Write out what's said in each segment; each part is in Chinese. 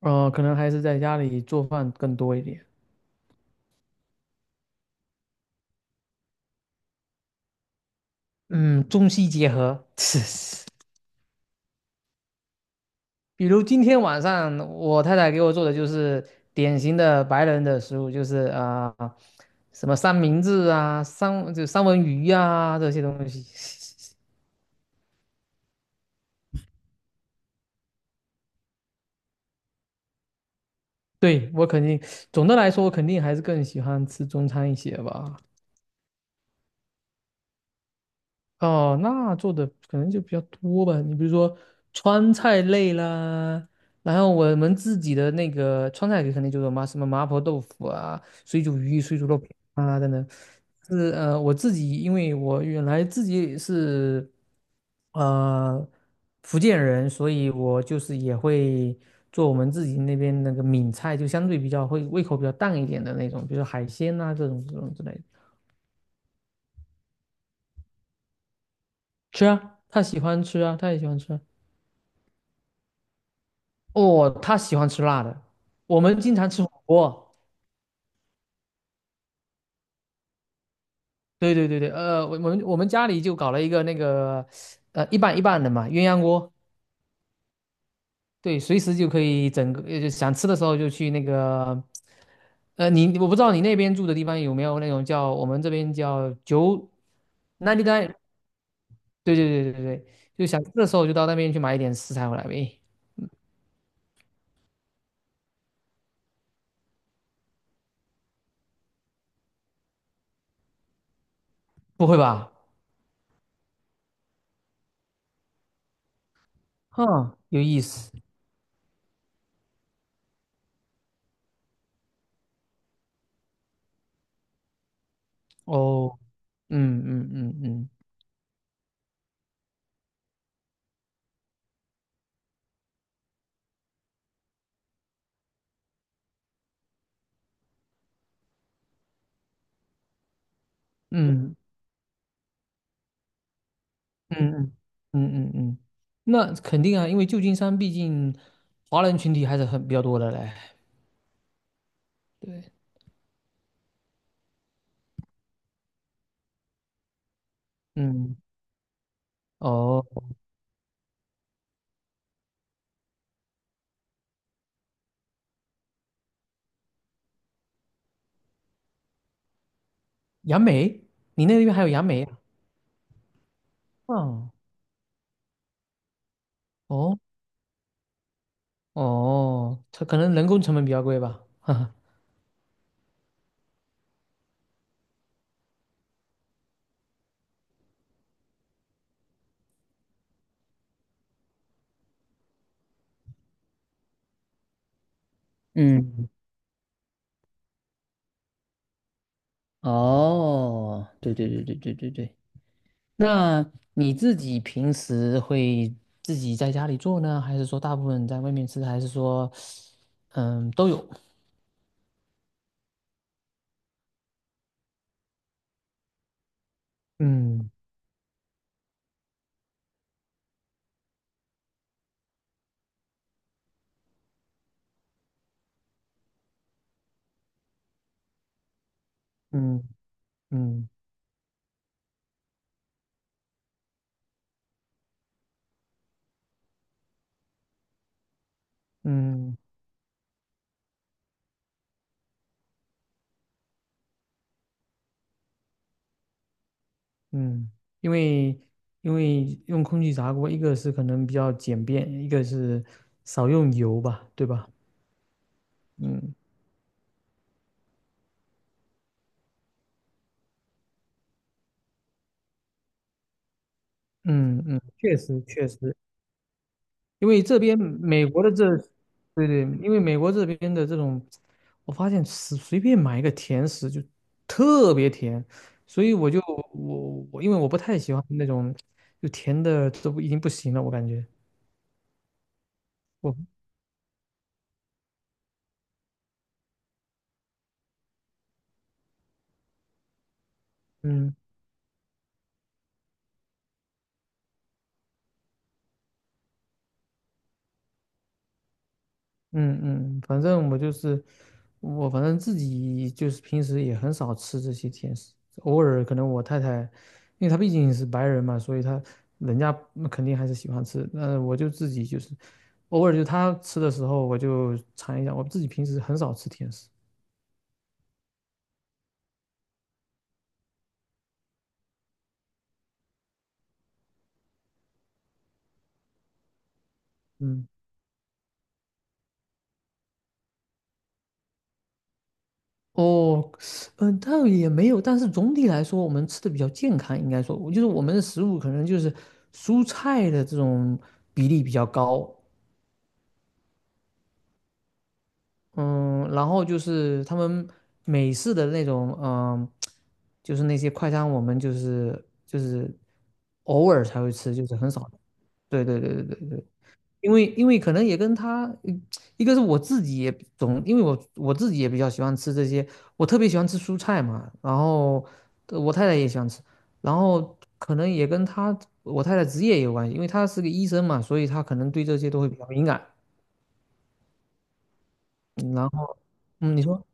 可能还是在家里做饭更多一点。嗯，中西结合。比如今天晚上我太太给我做的就是典型的白人的食物，就是啊、什么三明治啊、三文鱼啊这些东西。对，我肯定，总的来说，我肯定还是更喜欢吃中餐一些吧。哦，那做的可能就比较多吧。你比如说川菜类啦，然后我们自己的那个川菜肯定就是麻什么麻婆豆腐啊、水煮鱼、水煮肉片。是，我自己因为我原来自己是呃福建人，所以我就是也会做我们自己那边那个闽菜，就相对比较会胃口比较淡一点的那种，比如说海鲜啊这种之类的。吃啊，他喜欢吃啊，他也喜欢吃啊。哦，他喜欢吃辣的，我们经常吃火锅。对对对对，我们家里就搞了一个那个，一半一半的嘛，鸳鸯锅。对，随时就可以整个，就想吃的时候就去那个，我不知道你那边住的地方有没有那种叫我们这边叫九 nine。 对对对对对，就想吃的时候就到那边去买一点食材回来呗。不会吧？哼，有意思。哦，嗯嗯嗯嗯嗯嗯嗯嗯嗯，嗯，那肯定啊，因为旧金山毕竟华人群体还是很比较多的嘞。嗯，哦，杨梅，你那边还有杨梅啊？嗯。哦哦，它可能人工成本比较贵吧。哈哈。嗯。哦，对对对对对对对。那你自己平时会自己在家里做呢，还是说大部分在外面吃，还是说，嗯，都有？嗯嗯嗯嗯嗯，因为因为用空气炸锅，一个是可能比较简便，一个是少用油吧，对吧？嗯嗯嗯，确实确实，因为这边美国的这，对对，因为美国这边的这种，我发现随便买一个甜食就特别甜，所以我就我因为我不太喜欢那种就甜的都不已经不行了，我感觉我。嗯。嗯嗯，反正我就是反正自己就是平时也很少吃这些甜食，偶尔可能我太太，因为她毕竟是白人嘛，所以人家肯定还是喜欢吃。那我就自己就是偶尔就她吃的时候，我就尝一下。我自己平时很少吃甜食。嗯，哦，嗯、倒也没有，但是总体来说，我们吃的比较健康，应该说，就是我们的食物可能就是蔬菜的这种比例比较高，嗯，然后就是他们美式的那种，嗯，就是那些快餐，我们就是偶尔才会吃，就是很少。对对对对对对，因为可能也跟他，一个是我自己也因为我自己也比较喜欢吃这些，我特别喜欢吃蔬菜嘛，然后我太太也喜欢吃，然后可能也跟我太太职业也有关系，因为她是个医生嘛，所以她可能对这些都会比较敏感。嗯然后嗯，你说。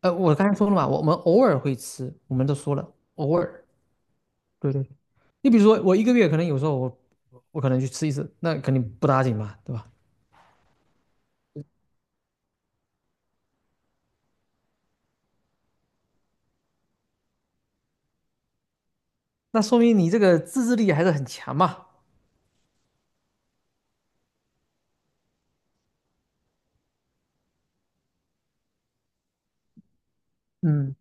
我刚才说了嘛，我们偶尔会吃，我们都说了，偶尔。对对。你比如说，我一个月可能有时候我可能去吃一次，那肯定不打紧嘛，对吧？那说明你这个自制力还是很强嘛。嗯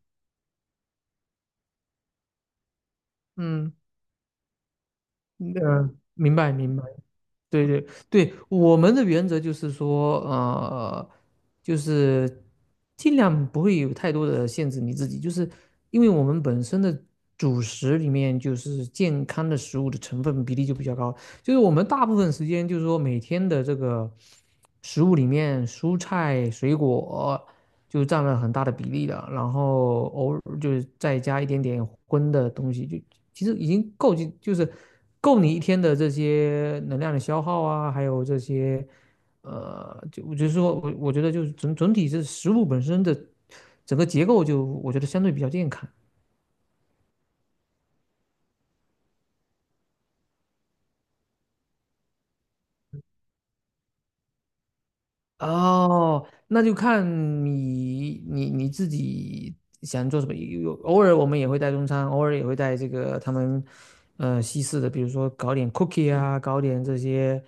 嗯，明白明白。对对对，我们的原则就是说，就是尽量不会有太多的限制你自己，就是因为我们本身的主食里面就是健康的食物的成分比例就比较高，就是我们大部分时间，就是说每天的这个食物里面，蔬菜、水果就占了很大的比例了，然后偶尔就是再加一点点荤的东西，就其实已经够就就是够你一天的这些能量的消耗啊，还有这些就我就是说我觉得就是整体这食物本身的整个结构就我觉得相对比较健康。哦，那就看你自己想做什么。有偶尔我们也会带中餐，偶尔也会带这个他们西式的，比如说搞点 cookie 啊，搞点这些，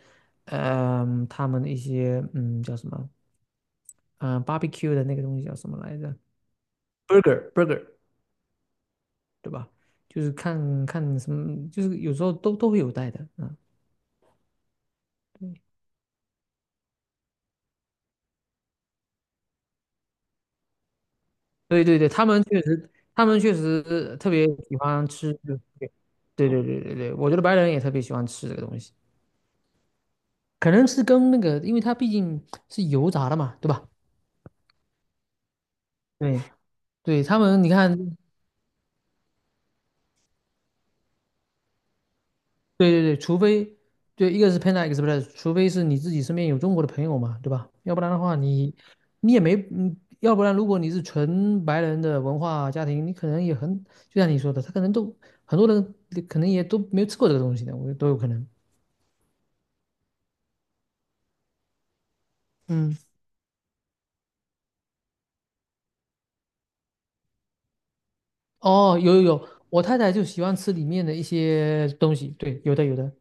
嗯、他们的一些叫什么，嗯、barbecue 的那个东西叫什么来着？burger burger 对吧？就是看看什么，就是有时候都会有带的啊，嗯，对对对对，他们确实，他们确实特别喜欢吃这个。对对对对对，我觉得白人也特别喜欢吃这个东西，可能是跟那个，因为它毕竟是油炸的嘛，对吧？对对，他们你看，对对对，除非对一个是 Panda,一个是除非是你自己身边有中国的朋友嘛，对吧？要不然的话你，你也没，要不然如果你是纯白人的文化家庭，你可能也很，就像你说的，他可能都很多人可能也都没有吃过这个东西的，我觉得都有可能。嗯。哦，有有有，我太太就喜欢吃里面的一些东西，对，有的有的，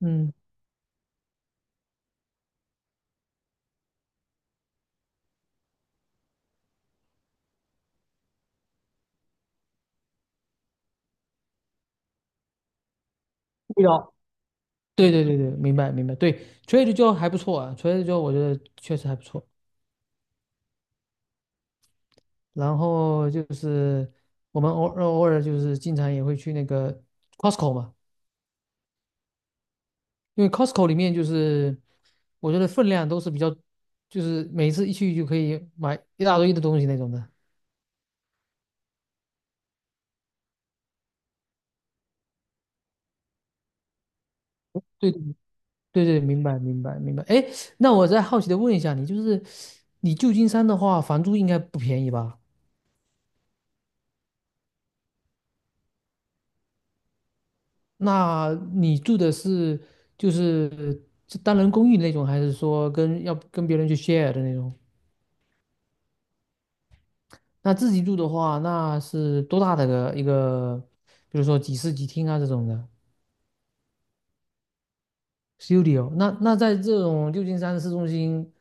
嗯，味道，对对对对，明白明白，对，Trader Joe 还不错啊，Trader Joe 我觉得确实还不错。然后就是我们偶尔偶尔就是经常也会去那个 Costco 嘛，因为 Costco 里面就是我觉得分量都是比较，就是每次一去就可以买一大堆的东西那种的。对对对，明白明白明白。哎，那我再好奇的问一下你，就是你旧金山的话，房租应该不便宜吧？那你住的是就是是单人公寓那种，还是说要跟别人去 share 的那种？那自己住的话，那是多大的一个，比如说几室几厅啊这种的 studio？那在这种旧金山市中心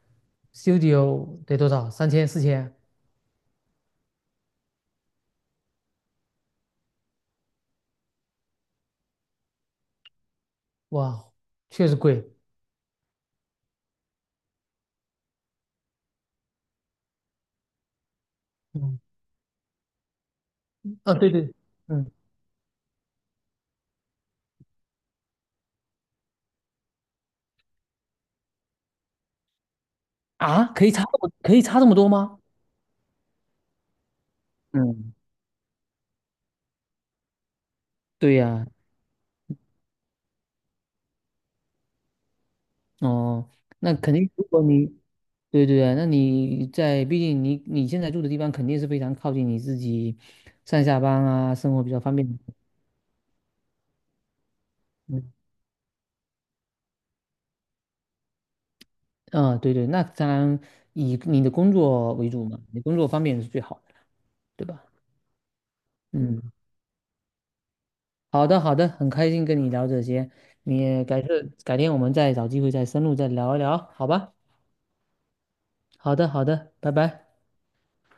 studio 得多少？30004000？哇，确实贵。嗯，啊，对对。嗯。啊，可以差这么多吗？嗯，对呀，哦，那肯定，如果你，对对啊，那你在，毕竟你现在住的地方肯定是非常靠近你自己上下班啊，生活比较方便。嗯，啊，对对，那当然以你的工作为主嘛，你工作方便是最好的，对吧？嗯，好的好的，很开心跟你聊这些，你也改天我们再找机会再深入再聊一聊，好吧？好的好的，拜拜。